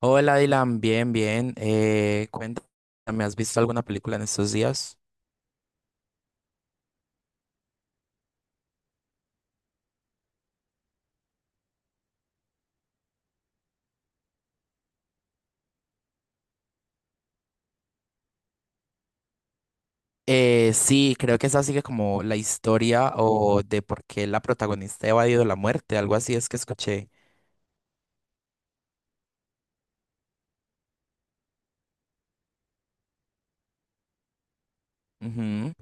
Hola Dylan, bien, bien. Cuéntame, ¿has visto alguna película en estos días? Sí, creo que esa sigue como la historia o de por qué la protagonista ha evadido la muerte, algo así es que escuché. Ujú.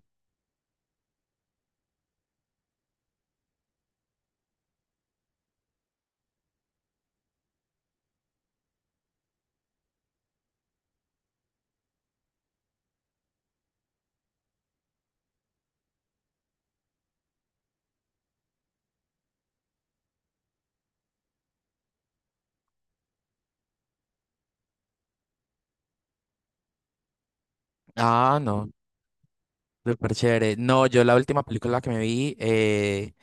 Ah, no, súper chévere. No, yo la última película que me vi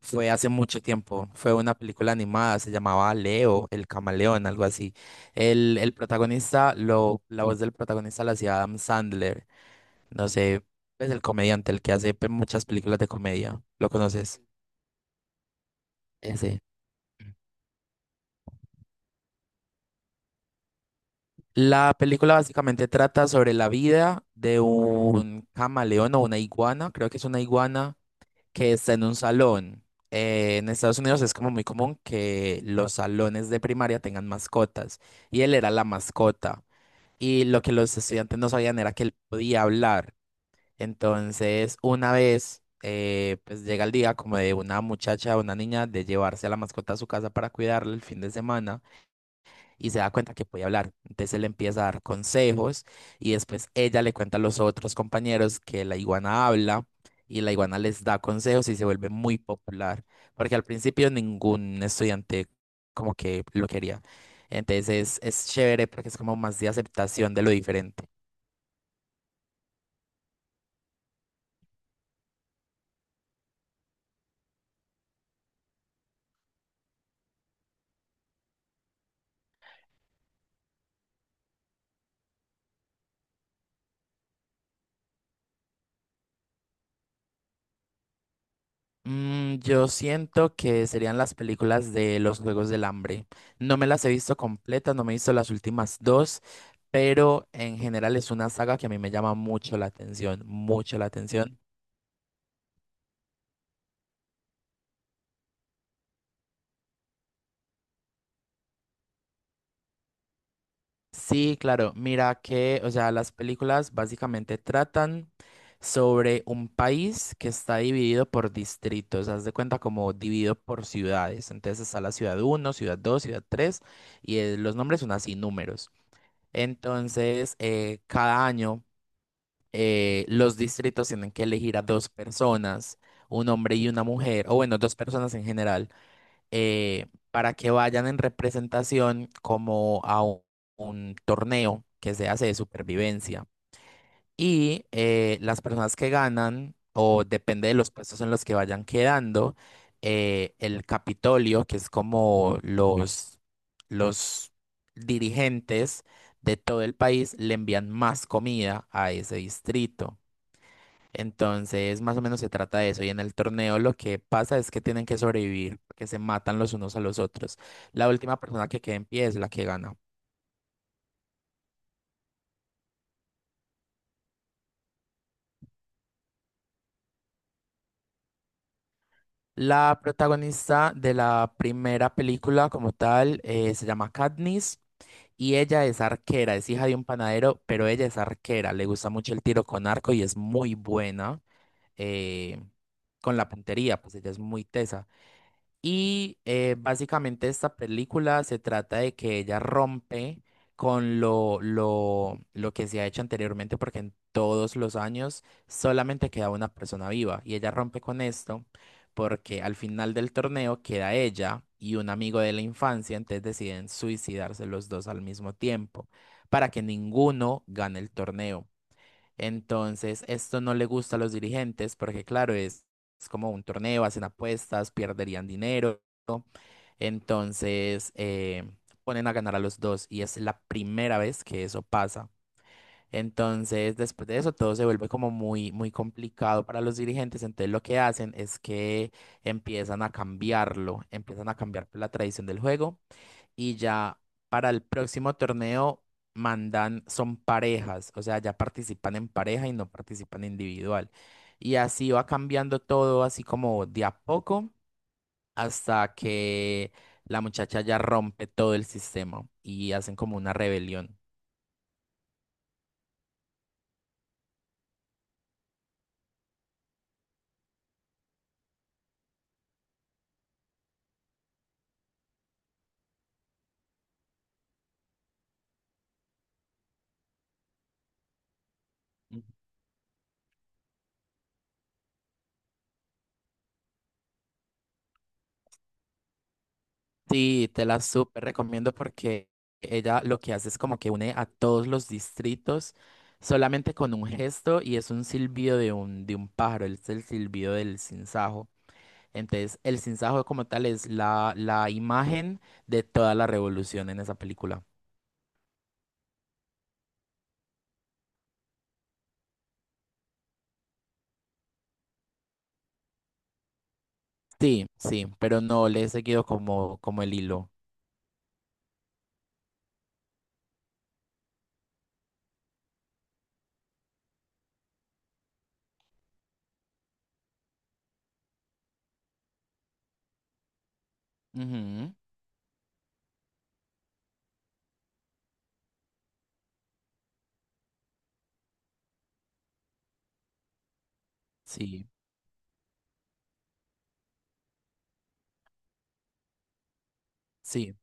fue hace mucho tiempo. Fue una película animada, se llamaba Leo, el camaleón, algo así. El protagonista, lo, la voz del protagonista la hacía Adam Sandler. No sé, es el comediante, el que hace muchas películas de comedia. ¿Lo conoces? Ese. La película básicamente trata sobre la vida de un camaleón o una iguana, creo que es una iguana, que está en un salón. En Estados Unidos es como muy común que los salones de primaria tengan mascotas y él era la mascota. Y lo que los estudiantes no sabían era que él podía hablar. Entonces, una vez, pues llega el día como de una muchacha, una niña, de llevarse a la mascota a su casa para cuidarla el fin de semana y se da cuenta que puede hablar. Entonces él empieza a dar consejos y después ella le cuenta a los otros compañeros que la iguana habla y la iguana les da consejos y se vuelve muy popular, porque al principio ningún estudiante como que lo quería. Entonces es chévere porque es como más de aceptación de lo diferente. Mm, yo siento que serían las películas de los Juegos del Hambre. No me las he visto completas, no me he visto las últimas dos, pero en general es una saga que a mí me llama mucho la atención, mucho la atención. Sí, claro, mira que, o sea, las películas básicamente tratan sobre un país que está dividido por distritos, haz de cuenta como dividido por ciudades. Entonces está la ciudad uno, ciudad 2, ciudad 3, y los nombres son así, números. Entonces, cada año los distritos tienen que elegir a dos personas, un hombre y una mujer, o bueno, dos personas en general, eh, para que vayan en representación como a un torneo que se hace de supervivencia. Y las personas que ganan, o depende de los puestos en los que vayan quedando, el Capitolio, que es como los dirigentes de todo el país, le envían más comida a ese distrito. Entonces, más o menos se trata de eso. Y en el torneo lo que pasa es que tienen que sobrevivir, que se matan los unos a los otros. La última persona que quede en pie es la que gana. La protagonista de la primera película como tal se llama Katniss y ella es arquera, es hija de un panadero, pero ella es arquera, le gusta mucho el tiro con arco y es muy buena eh, con la puntería, pues ella es muy tesa. Y básicamente esta película se trata de que ella rompe con lo que se ha hecho anteriormente, porque en todos los años solamente queda una persona viva. Y ella rompe con esto porque al final del torneo queda ella y un amigo de la infancia, entonces deciden suicidarse los dos al mismo tiempo para que ninguno gane el torneo. Entonces, esto no le gusta a los dirigentes porque, claro, es como un torneo, hacen apuestas, perderían dinero. Entonces, ponen a ganar a los dos y es la primera vez que eso pasa. Entonces, después de eso, todo se vuelve como muy, muy complicado para los dirigentes. Entonces, lo que hacen es que empiezan a cambiarlo, empiezan a cambiar la tradición del juego y ya para el próximo torneo mandan, son parejas, o sea, ya participan en pareja y no participan individual. Y así va cambiando todo, así como de a poco, hasta que la muchacha ya rompe todo el sistema y hacen como una rebelión. Ujú. Sí, te la súper recomiendo porque ella lo que hace es como que une a todos los distritos solamente con un gesto y es un silbido de de un pájaro, es el silbido del sinsajo. Entonces, el sinsajo como tal es la, la imagen de toda la revolución en esa película. Sí, sí, pero no le he seguido como, como el hilo. Ujú, sí, sí.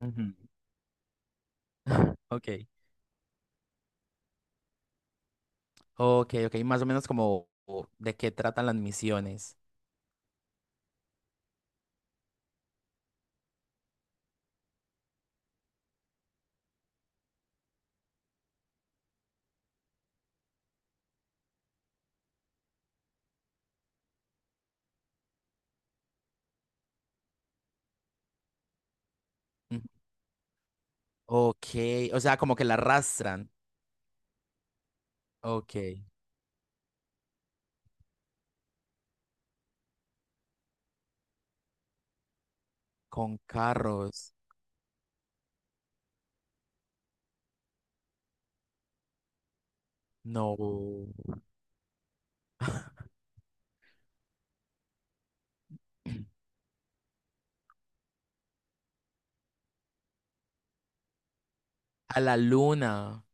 Ujú. Ok, ok, ok. Más o menos como o, de qué tratan las misiones. Ujú. Ok, o sea, como que la arrastran. Ok, con carros. No. A la luna.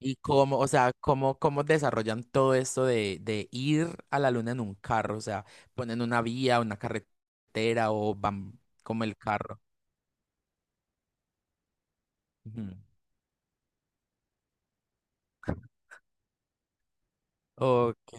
Y cómo, o sea, cómo desarrollan todo esto de ir a la luna en un carro, o sea, ponen una vía, una carretera o van como el carro. Ujú. Ok,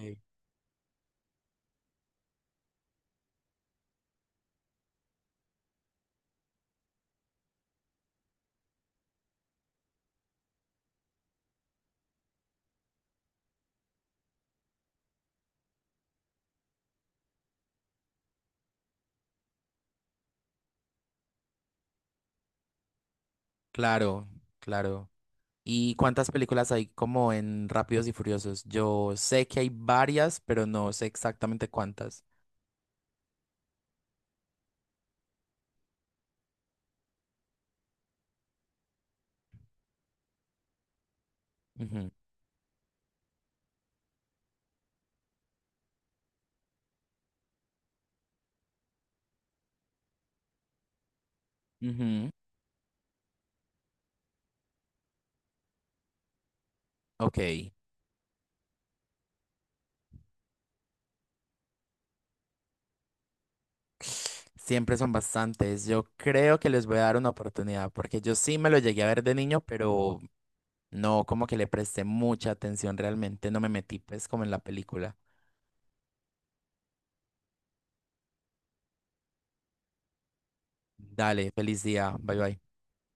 claro, claro. ¿Y cuántas películas hay como en Rápidos y Furiosos? Yo sé que hay varias, pero no sé exactamente cuántas. Ujú, ujú, ok. Siempre son bastantes. Yo creo que les voy a dar una oportunidad, porque yo sí me lo llegué a ver de niño, pero no, como que le presté mucha atención realmente, no me metí pues como en la película. Dale, feliz día, bye bye.